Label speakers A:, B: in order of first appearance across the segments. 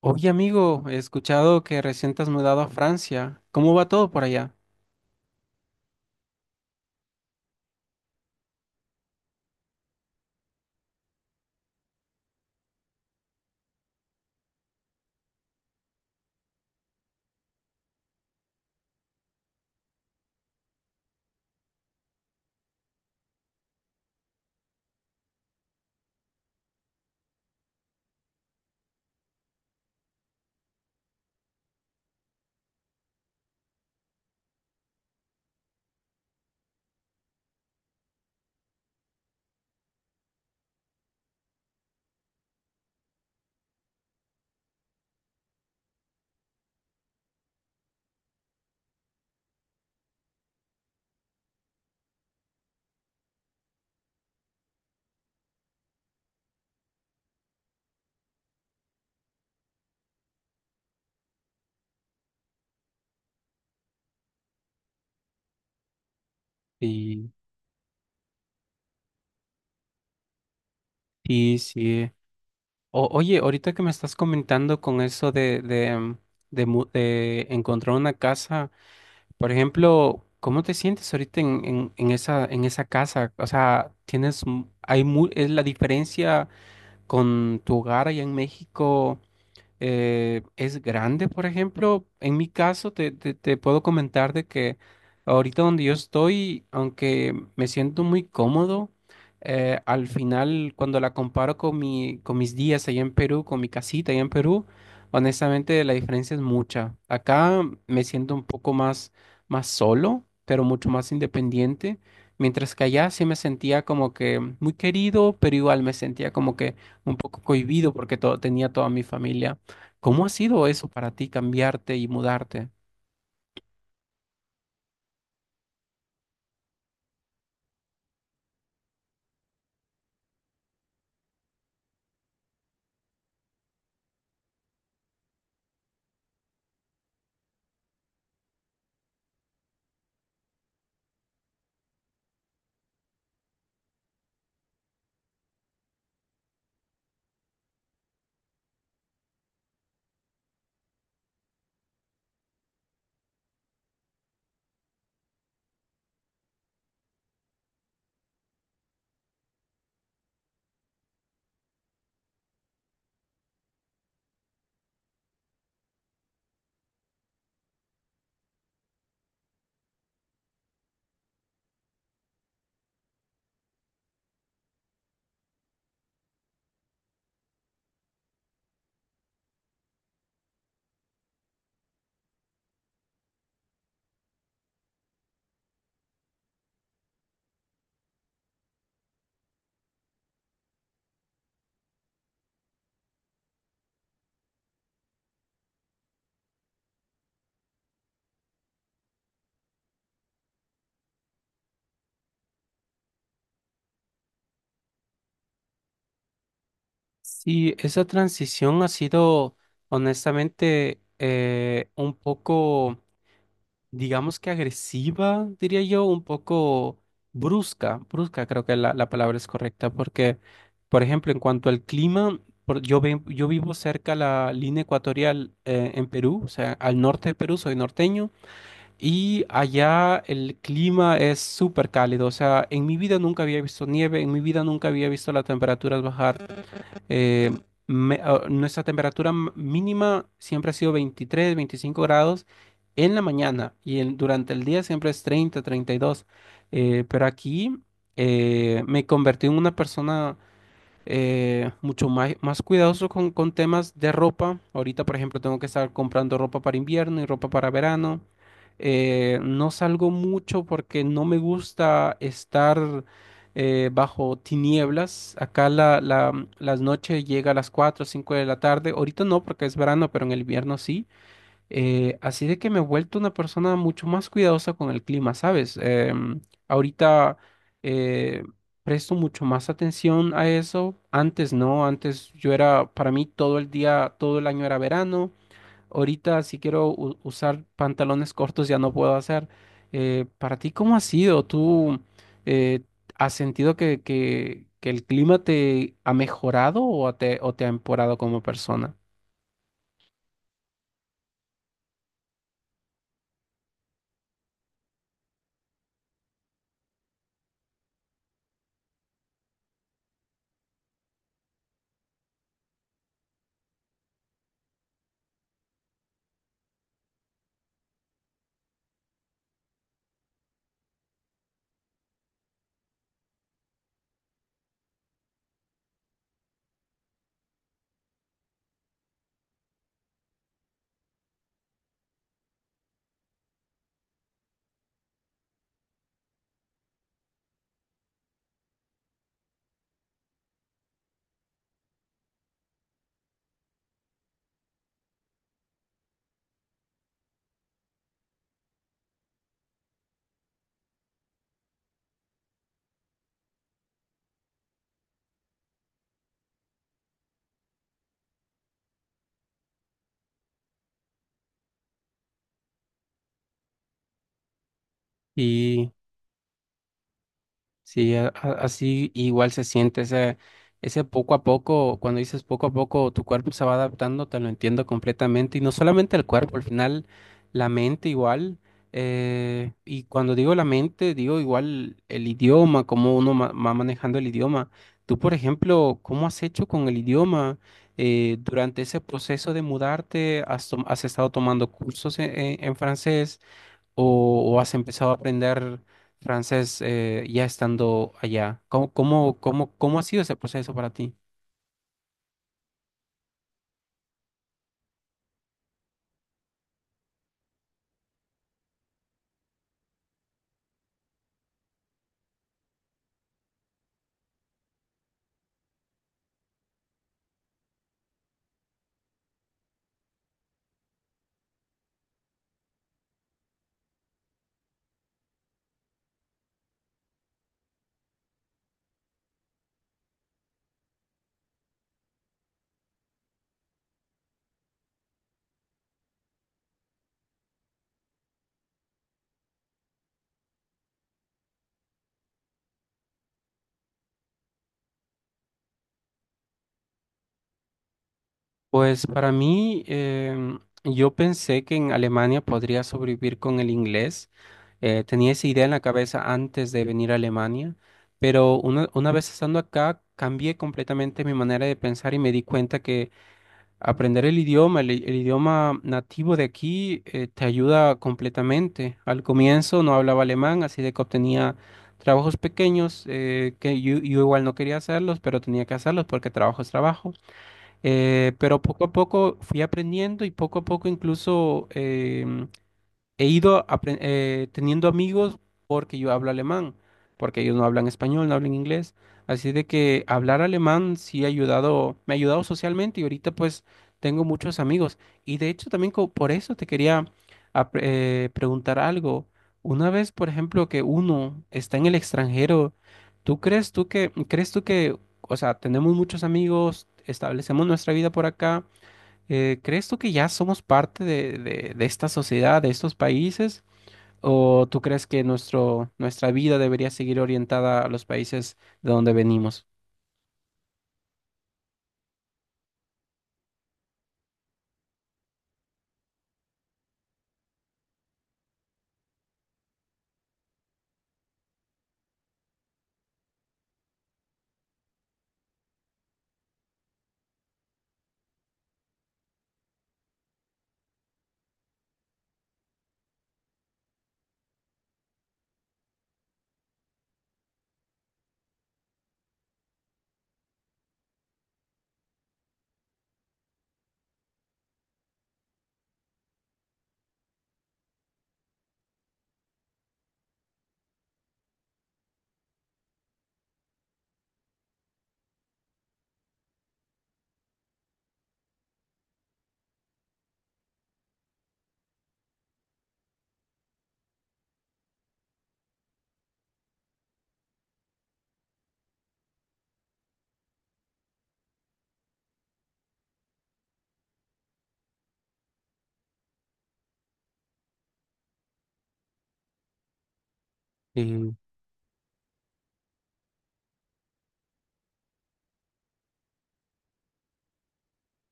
A: Oye, amigo, he escuchado que recién te has mudado a Francia. ¿Cómo va todo por allá? Sí, sí, sí. Oye, ahorita que me estás comentando con eso de, de encontrar una casa, por ejemplo, ¿cómo te sientes ahorita en, en esa casa? O sea, tienes, es la diferencia con tu hogar allá en México. Es grande, por ejemplo. En mi caso, te, te puedo comentar de que ahorita donde yo estoy, aunque me siento muy cómodo, al final cuando la comparo con mi, con mis días allá en Perú, con mi casita allá en Perú, honestamente la diferencia es mucha. Acá me siento un poco más, más solo, pero mucho más independiente. Mientras que allá sí me sentía como que muy querido, pero igual me sentía como que un poco cohibido porque todo, tenía toda mi familia. ¿Cómo ha sido eso para ti cambiarte y mudarte? Sí, esa transición ha sido honestamente un poco, digamos que agresiva, diría yo, un poco brusca creo que la palabra es correcta, porque, por ejemplo, en cuanto al clima, yo, yo vivo cerca a la línea ecuatorial en Perú, o sea, al norte de Perú, soy norteño. Y allá el clima es súper cálido, o sea, en mi vida nunca había visto nieve, en mi vida nunca había visto las temperaturas bajar. Eh, nuestra temperatura mínima siempre ha sido 23, 25 grados en la mañana y durante el día siempre es 30, 32. Pero aquí me convertí en una persona mucho más, más cuidadoso con temas de ropa. Ahorita, por ejemplo, tengo que estar comprando ropa para invierno y ropa para verano. No salgo mucho porque no me gusta estar bajo tinieblas. Acá la, las noches llega a las 4 o 5 de la tarde. Ahorita no porque es verano, pero en el invierno sí. Así de que me he vuelto una persona mucho más cuidadosa con el clima, ¿sabes? Ahorita eh, presto mucho más atención a eso. Antes no, antes yo era, para mí todo el día, todo el año era verano. Ahorita si quiero usar pantalones cortos ya no puedo hacer. Para ti, ¿cómo ha sido? ¿Tú eh, has sentido que el clima te ha mejorado o te ha empeorado como persona? Y sí, así igual se siente ese, ese poco a poco, cuando dices poco a poco, tu cuerpo se va adaptando, te lo entiendo completamente. Y no solamente el cuerpo, al final la mente igual. Y cuando digo la mente, digo igual el idioma, cómo uno va manejando el idioma. Tú, por ejemplo, ¿cómo has hecho con el idioma? Durante ese proceso de mudarte, ¿has, has estado tomando cursos en en francés? ¿O, o has empezado a aprender francés ya estando allá? ¿Cómo, cómo, cómo, cómo ha sido ese proceso para ti? Pues para mí, yo pensé que en Alemania podría sobrevivir con el inglés. Tenía esa idea en la cabeza antes de venir a Alemania, pero una vez estando acá, cambié completamente mi manera de pensar y me di cuenta que aprender el idioma nativo de aquí te ayuda completamente. Al comienzo no hablaba alemán, así de que obtenía trabajos pequeños que yo igual no quería hacerlos, pero tenía que hacerlos porque trabajo es trabajo. Pero poco a poco fui aprendiendo y poco a poco incluso he ido teniendo amigos porque yo hablo alemán, porque ellos no hablan español, no hablan inglés. Así de que hablar alemán sí ha ayudado, me ha ayudado socialmente y ahorita pues tengo muchos amigos. Y de hecho también por eso te quería preguntar algo. Una vez, por ejemplo, que uno está en el extranjero, ¿tú crees tú que, o sea, tenemos muchos amigos, establecemos nuestra vida por acá? ¿Crees tú que ya somos parte de, de esta sociedad, de estos países? ¿O tú crees que nuestro, nuestra vida debería seguir orientada a los países de donde venimos? Y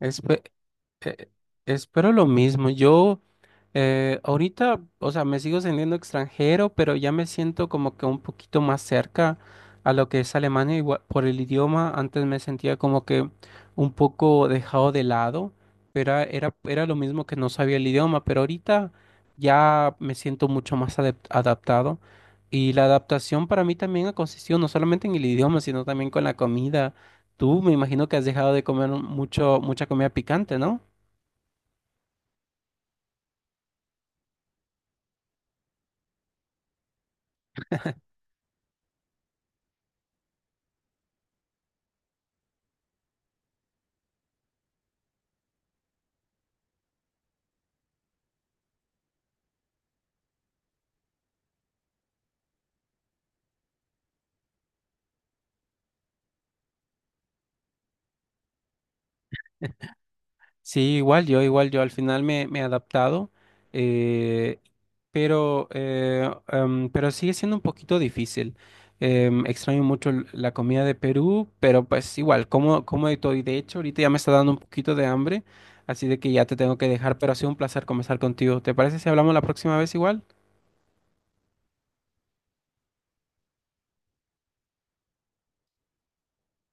A: espe- eh, espero lo mismo. Yo, ahorita, o sea, me sigo sintiendo extranjero, pero ya me siento como que un poquito más cerca a lo que es Alemania igual, por el idioma. Antes me sentía como que un poco dejado de lado, pero era lo mismo que no sabía el idioma, pero ahorita ya me siento mucho más adaptado. Y la adaptación para mí también ha consistido no solamente en el idioma, sino también con la comida. Tú me imagino que has dejado de comer mucho, mucha comida picante, ¿no? Sí, igual yo al final me, me he adaptado, eh, pero, pero sigue siendo un poquito difícil. Extraño mucho la comida de Perú, pero pues igual, como, como de todo. Y de hecho, ahorita ya me está dando un poquito de hambre, así de que ya te tengo que dejar, pero ha sido un placer conversar contigo. ¿Te parece si hablamos la próxima vez igual?